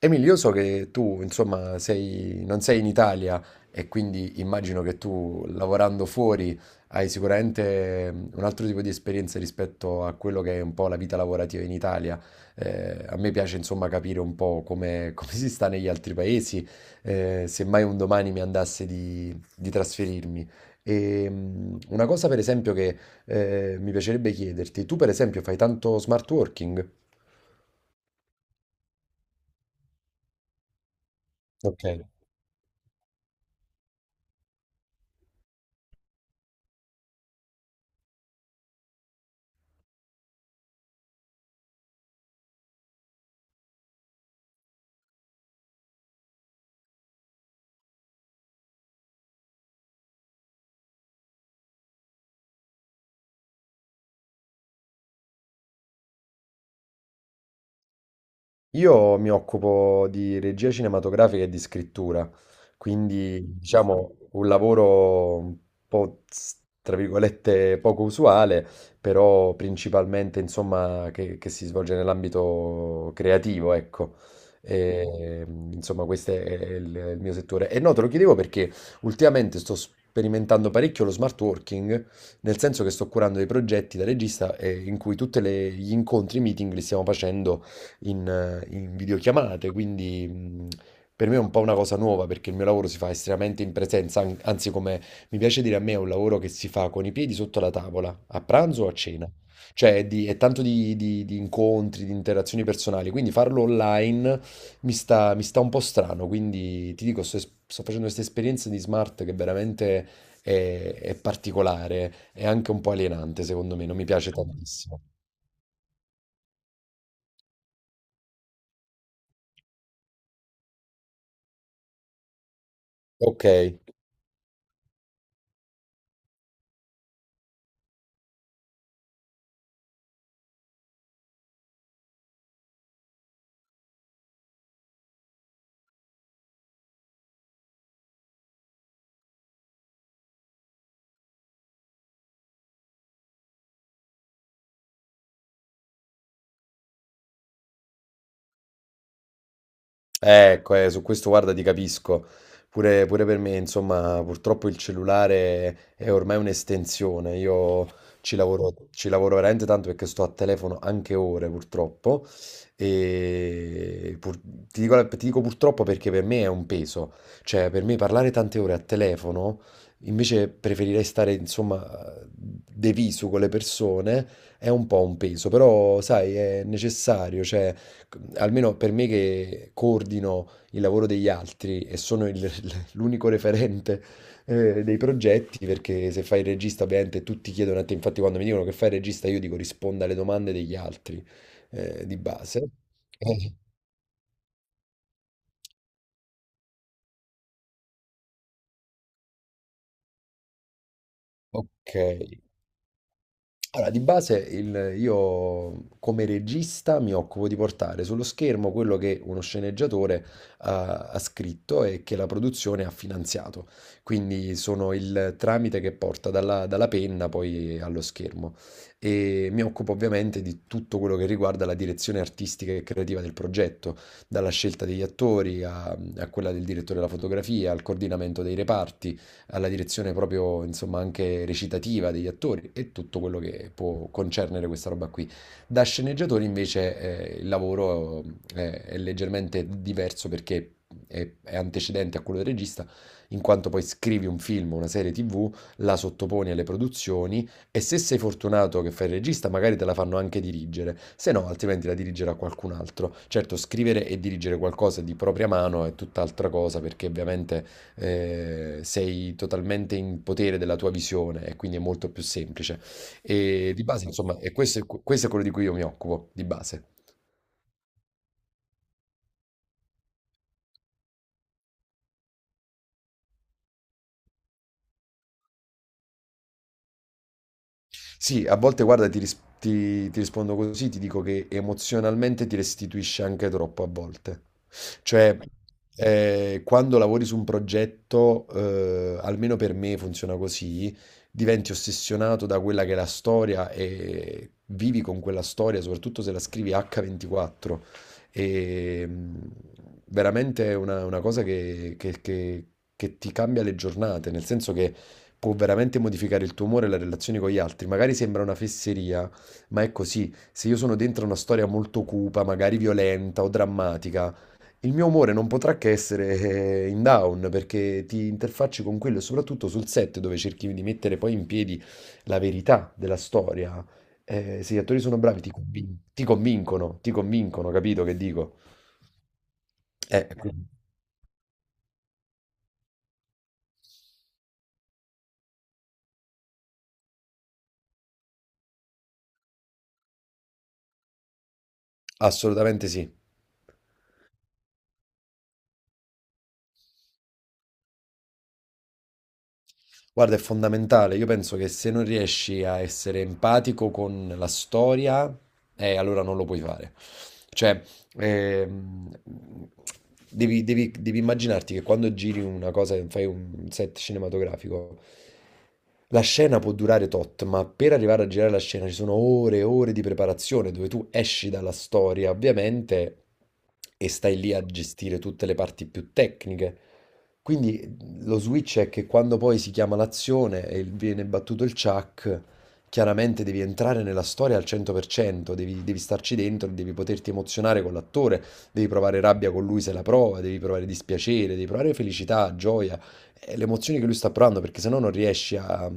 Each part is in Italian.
Emil, io so che tu, insomma, non sei in Italia e quindi immagino che tu, lavorando fuori, hai sicuramente un altro tipo di esperienza rispetto a quello che è un po' la vita lavorativa in Italia. A me piace, insomma, capire un po' come, come si sta negli altri paesi, se mai un domani mi andasse di trasferirmi. E, una cosa, per esempio, che mi piacerebbe chiederti, tu, per esempio, fai tanto smart working? Ok. Io mi occupo di regia cinematografica e di scrittura, quindi diciamo un lavoro un po' tra virgolette poco usuale, però principalmente insomma che si svolge nell'ambito creativo, ecco. E, insomma, questo è il mio settore. E no, te lo chiedevo perché ultimamente sto sperimentando parecchio lo smart working, nel senso che sto curando dei progetti da regista in cui tutti gli incontri, i meeting li stiamo facendo in videochiamate, quindi per me è un po' una cosa nuova perché il mio lavoro si fa estremamente in presenza, anzi, come mi piace dire, a me è un lavoro che si fa con i piedi sotto la tavola, a pranzo o a cena. Cioè è, è tanto di incontri, di interazioni personali, quindi farlo online mi sta un po' strano, quindi ti dico, sto facendo questa esperienza di smart che veramente è particolare, è anche un po' alienante secondo me, non mi piace tantissimo. Ok. Ecco, su questo guarda ti capisco. Pure per me, insomma, purtroppo il cellulare è ormai un'estensione. Io ci lavoro veramente tanto perché sto a telefono anche ore, purtroppo. E ti dico purtroppo perché per me è un peso. Cioè, per me parlare tante ore a telefono, invece preferirei stare, insomma, de viso con le persone, è un po' un peso. Però, sai, è necessario, cioè almeno per me che coordino il lavoro degli altri e sono l'unico referente dei progetti, perché se fai il regista ovviamente tutti chiedono a te, infatti quando mi dicono che fai il regista io dico risponda alle domande degli altri di base. Ok, allora, di base io come regista mi occupo di portare sullo schermo quello che uno sceneggiatore ha scritto e che la produzione ha finanziato. Quindi sono il tramite che porta dalla penna poi allo schermo. E mi occupo ovviamente di tutto quello che riguarda la direzione artistica e creativa del progetto, dalla scelta degli attori a quella del direttore della fotografia, al coordinamento dei reparti, alla direzione proprio, insomma, anche recitativa degli attori e tutto quello che può concernere questa roba qui. Da sceneggiatori invece il lavoro è leggermente diverso perché è antecedente a quello del regista, in quanto poi scrivi un film, una serie TV, la sottoponi alle produzioni e se sei fortunato che fai il regista, magari te la fanno anche dirigere, se no altrimenti la dirigerà qualcun altro. Certo, scrivere e dirigere qualcosa di propria mano è tutt'altra cosa perché ovviamente sei totalmente in potere della tua visione e quindi è molto più semplice. E di base, insomma, e questo è quello di cui io mi occupo, di base. Sì, a volte guarda, ti rispondo così, ti dico che emozionalmente ti restituisce anche troppo a volte. Cioè, quando lavori su un progetto, almeno per me funziona così, diventi ossessionato da quella che è la storia e vivi con quella storia, soprattutto se la scrivi H24. E veramente è una cosa che ti cambia le giornate, nel senso che può veramente modificare il tuo umore e la relazione con gli altri. Magari sembra una fesseria, ma è così. Se io sono dentro una storia molto cupa, magari violenta o drammatica, il mio umore non potrà che essere in down perché ti interfacci con quello e soprattutto sul set dove cerchi di mettere poi in piedi la verità della storia. Se gli attori sono bravi, ti convincono, capito che dico? Quindi, assolutamente sì. Guarda, è fondamentale. Io penso che se non riesci a essere empatico con la storia, allora non lo puoi fare. Cioè, ehm, devi immaginarti che quando giri una cosa, fai un set cinematografico, la scena può durare tot, ma per arrivare a girare la scena ci sono ore e ore di preparazione dove tu esci dalla storia, ovviamente, e stai lì a gestire tutte le parti più tecniche. Quindi lo switch è che quando poi si chiama l'azione e viene battuto il chuck, chiaramente devi entrare nella storia al 100%, devi starci dentro, devi poterti emozionare con l'attore, devi provare rabbia con lui se la prova, devi provare dispiacere, devi provare felicità, gioia, e le emozioni che lui sta provando, perché sennò non riesci a,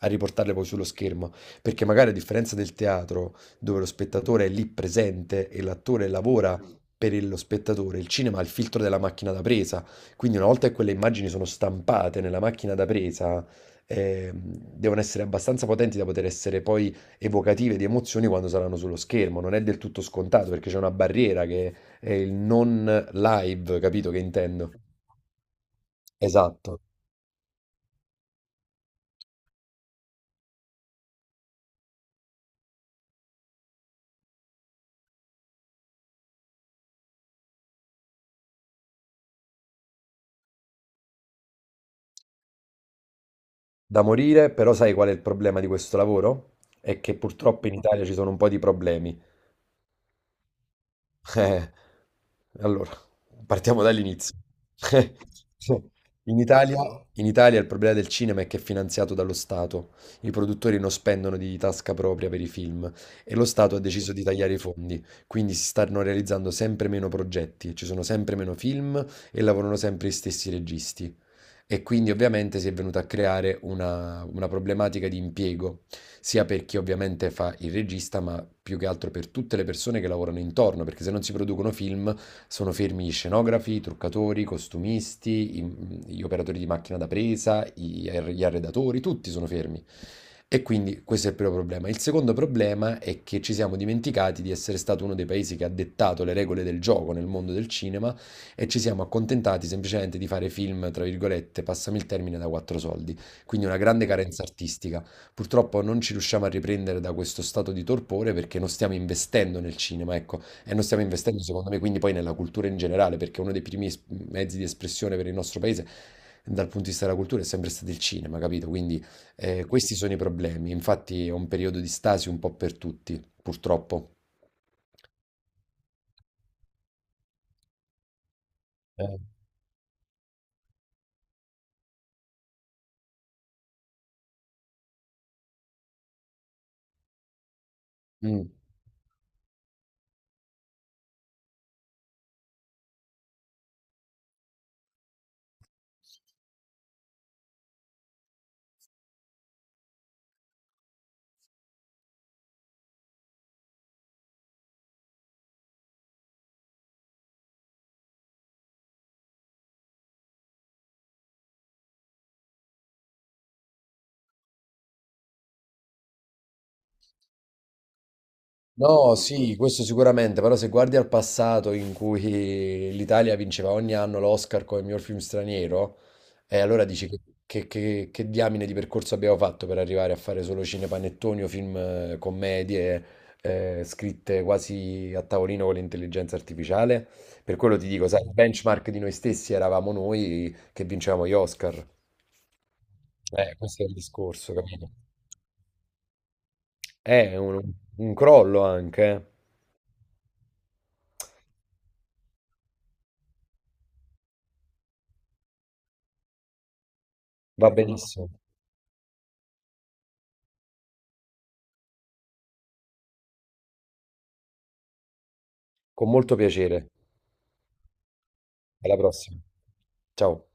a riportarle poi sullo schermo. Perché magari a differenza del teatro, dove lo spettatore è lì presente e l'attore lavora per lo spettatore, il cinema ha il filtro della macchina da presa, quindi una volta che quelle immagini sono stampate nella macchina da presa, ehm, devono essere abbastanza potenti da poter essere poi evocative di emozioni quando saranno sullo schermo. Non è del tutto scontato perché c'è una barriera che è il non live, capito che intendo? Esatto, da morire, però sai qual è il problema di questo lavoro? È che purtroppo in Italia ci sono un po' di problemi. Eh, allora, partiamo dall'inizio. In Italia, in Italia, il problema del cinema è che è finanziato dallo Stato. I produttori non spendono di tasca propria per i film e lo Stato ha deciso di tagliare i fondi, quindi si stanno realizzando sempre meno progetti, ci sono sempre meno film e lavorano sempre gli stessi registi. E quindi ovviamente si è venuta a creare una problematica di impiego, sia per chi ovviamente fa il regista, ma più che altro per tutte le persone che lavorano intorno, perché se non si producono film sono fermi gli scenografi, i truccatori, i costumisti, gli operatori di macchina da presa, gli arredatori, tutti sono fermi. E quindi questo è il primo problema. Il secondo problema è che ci siamo dimenticati di essere stato uno dei paesi che ha dettato le regole del gioco nel mondo del cinema e ci siamo accontentati semplicemente di fare film, tra virgolette, passami il termine, da quattro soldi. Quindi una grande carenza artistica. Purtroppo non ci riusciamo a riprendere da questo stato di torpore perché non stiamo investendo nel cinema, ecco, e non stiamo investendo secondo me quindi poi nella cultura in generale, perché uno dei primi mezzi di espressione per il nostro paese dal punto di vista della cultura è sempre stato il cinema, capito? Quindi questi sono i problemi. Infatti è un periodo di stasi un po' per tutti, purtroppo. Eh. Mm. No, sì, questo sicuramente, però se guardi al passato in cui l'Italia vinceva ogni anno l'Oscar come miglior film straniero, e allora dici che diamine di percorso abbiamo fatto per arrivare a fare solo cinepanettoni o film commedie scritte quasi a tavolino con l'intelligenza artificiale? Per quello ti dico, sai, il benchmark di noi stessi eravamo noi che vincevamo gli Oscar. Questo è il discorso, capito? È un crollo anche, eh. Va benissimo. Con molto piacere. Alla prossima. Ciao.